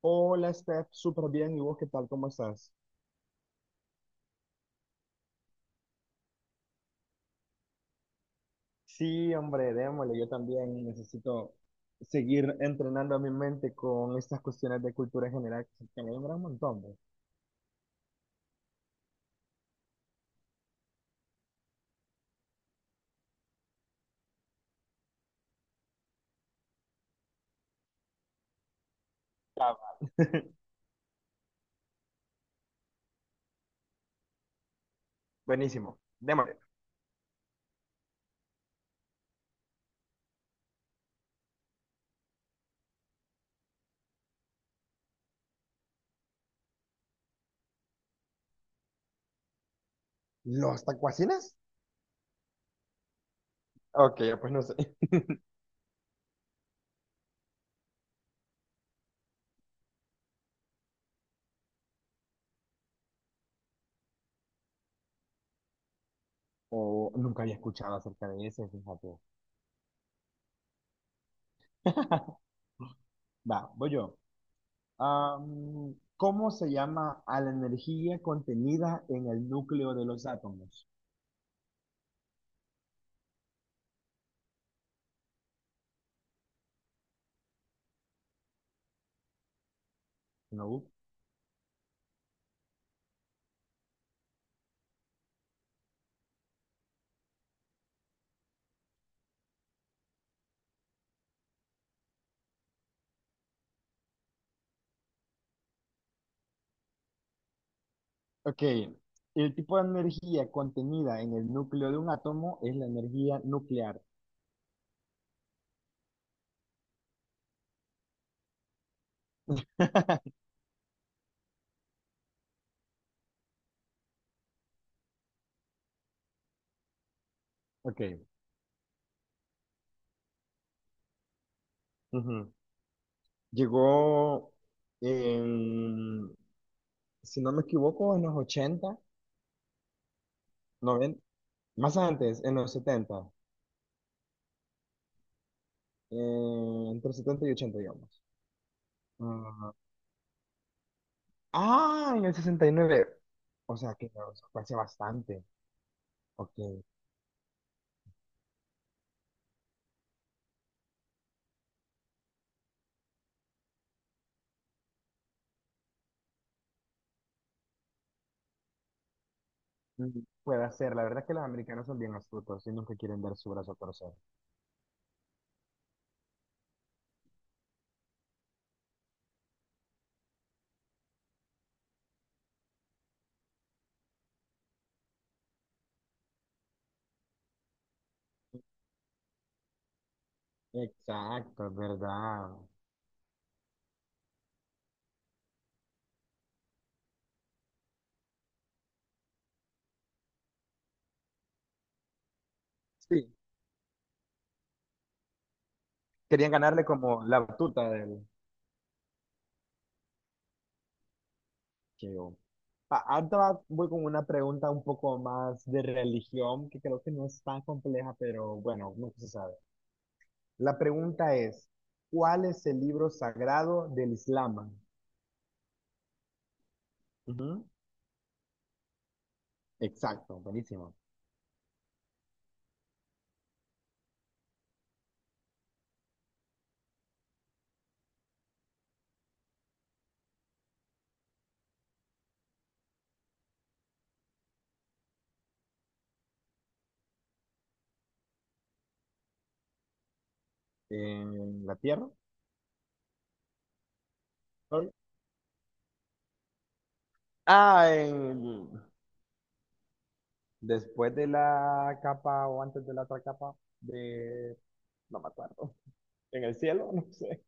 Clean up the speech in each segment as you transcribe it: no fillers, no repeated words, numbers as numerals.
Hola, Steph, súper bien. ¿Y vos qué tal? ¿Cómo estás? Sí, hombre, démosle. Yo también necesito seguir entrenando a mi mente con estas cuestiones de cultura general que me alumbran un montón. Buenísimo. Démosle. ¿Los tacuacines? Ok, pues no sé. O nunca había escuchado acerca de ese, fíjate. Va, voy yo. ¿Cómo se llama a la energía contenida en el núcleo de los átomos? No. Ok, el tipo de energía contenida en el núcleo de un átomo es la energía nuclear. Ok, ujú. Llegó, en, si no me equivoco, en los 80, 90, más antes, en los 70, entre setenta y 80 digamos. Ah, ah, en el 69. O sea, que no, eso fue hace bastante. Ok. Mm, puede ser. La verdad es que los americanos son bien astutos y nunca quieren dar su brazo a torcer. Exacto, es ¿verdad? Sí. Querían ganarle como la batuta del Cheo. Ahorita voy con una pregunta un poco más de religión, que creo que no es tan compleja, pero bueno, nunca se sabe. La pregunta es, ¿cuál es el libro sagrado del Islam? Ujú. Exacto, buenísimo. ¿En la tierra? Sorry. Ah, en... después de la capa o antes de la otra capa de... No me acuerdo. ¿En el cielo? No sé.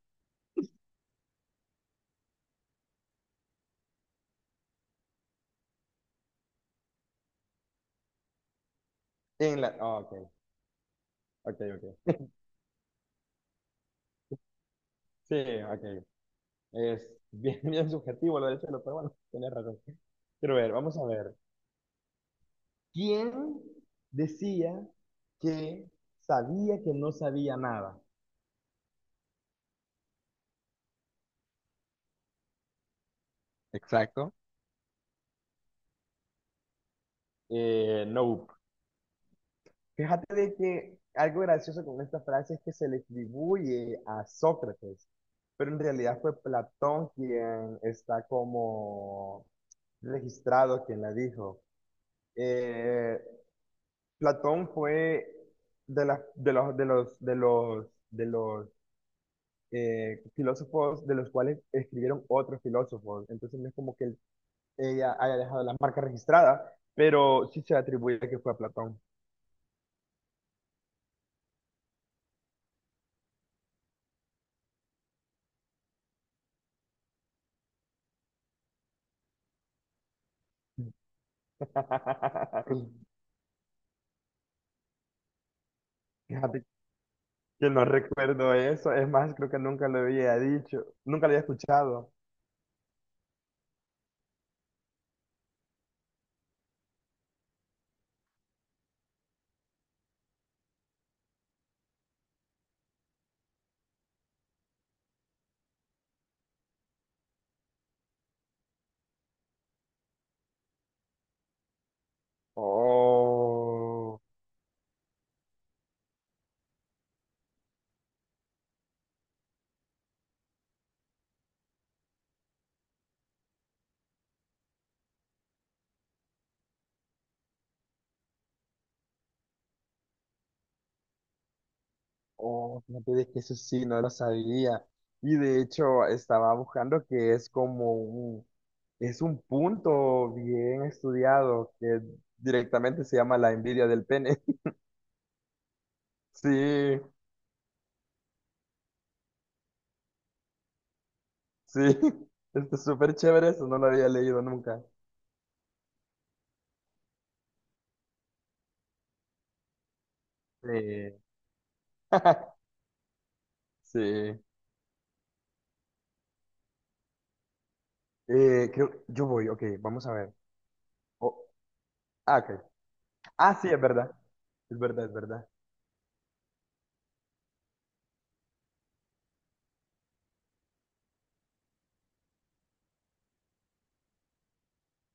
En la... ah, ok, ok, ok. Sí, ok. Es bien, bien subjetivo lo del chelo, pero bueno, tienes razón. Quiero ver, vamos a ver. ¿Quién decía que sabía que no sabía nada? Exacto. No. Fíjate de que algo gracioso con esta frase es que se le atribuye a Sócrates, pero en realidad fue Platón quien está como registrado quien la dijo. Eh, Platón fue de, las de los, de los, de los, de los filósofos de los cuales escribieron otros filósofos. Entonces no es como que ella haya dejado la marca registrada, pero sí se atribuye que fue a Platón. Fíjate que no recuerdo eso. Es más, creo que nunca lo había dicho. Nunca lo había escuchado. Oh. Oh, fíjate de que eso sí, no lo sabía. Y de hecho, estaba buscando que es como es un punto bien estudiado que directamente se llama la envidia del pene. Sí, sí, está súper chévere eso, no lo había leído nunca. Sí. Sí. Creo- yo voy, ok, vamos a ver. Oh, ah, ok. Ah, sí, es verdad. Es verdad, es verdad.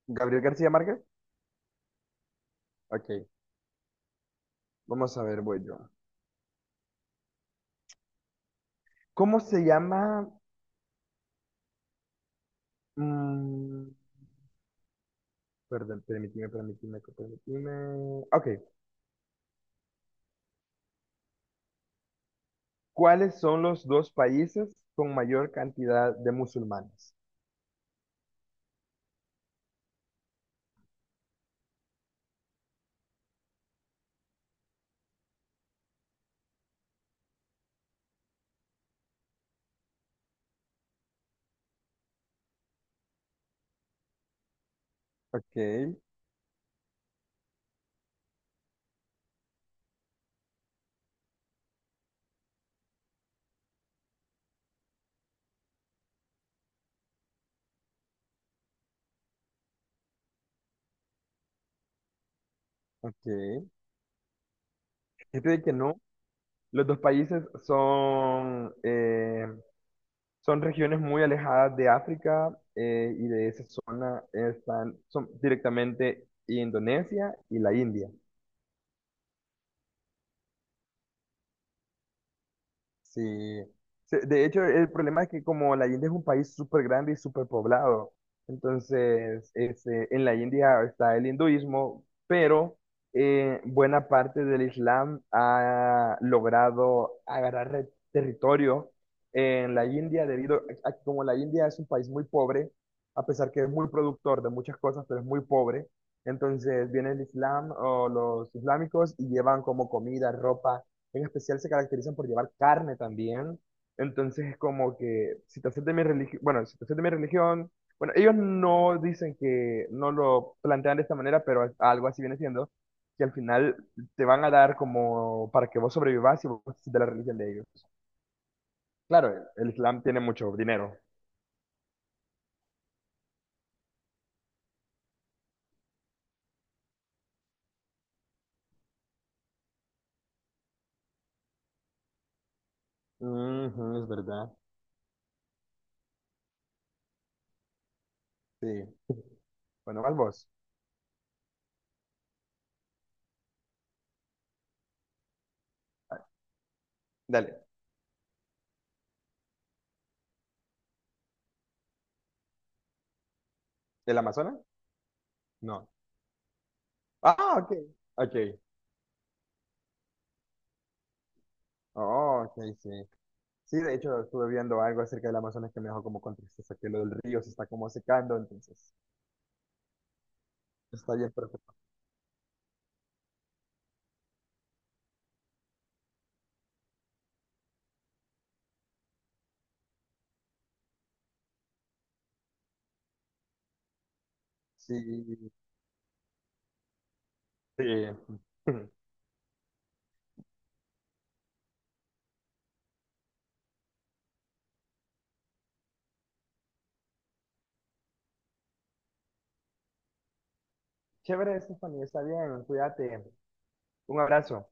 ¿Gabriel García Márquez? Ok, vamos a ver, voy yo. ¿Cómo se llama? Mm, perdón, permitime. Ok, ¿cuáles son los dos países con mayor cantidad de musulmanes? Ok, ok. Fíjate de que no, los dos países son, son regiones muy alejadas de África y de esa zona están, son directamente Indonesia y la India. Sí, de hecho el problema es que como la India es un país súper grande y súper poblado, entonces este, en la India está el hinduismo, pero buena parte del Islam ha logrado agarrar territorio en la India debido a que como la India es un país muy pobre, a pesar que es muy productor de muchas cosas, pero es muy pobre, entonces viene el Islam o los islámicos y llevan como comida, ropa en especial se caracterizan por llevar carne también. Entonces es como que si te haces de mi religión, bueno, si te haces de mi religión, bueno, ellos no dicen que no lo plantean de esta manera, pero algo así viene siendo, que al final te van a dar como para que vos sobrevivas y vos te haces de la religión de ellos. Claro, el Islam tiene mucho dinero. Ujú, es verdad. Sí. Bueno, vas vos. Dale. ¿El Amazonas? No. Ah, ok. Ok. Oh, ok, sí. Sí, de hecho, estuve viendo algo acerca del Amazonas que me dejó como con tristeza, que lo del río se está como secando, entonces está bien perfecto. Sí, sí. Chévere, Stephanie, está bien, cuídate. Un abrazo.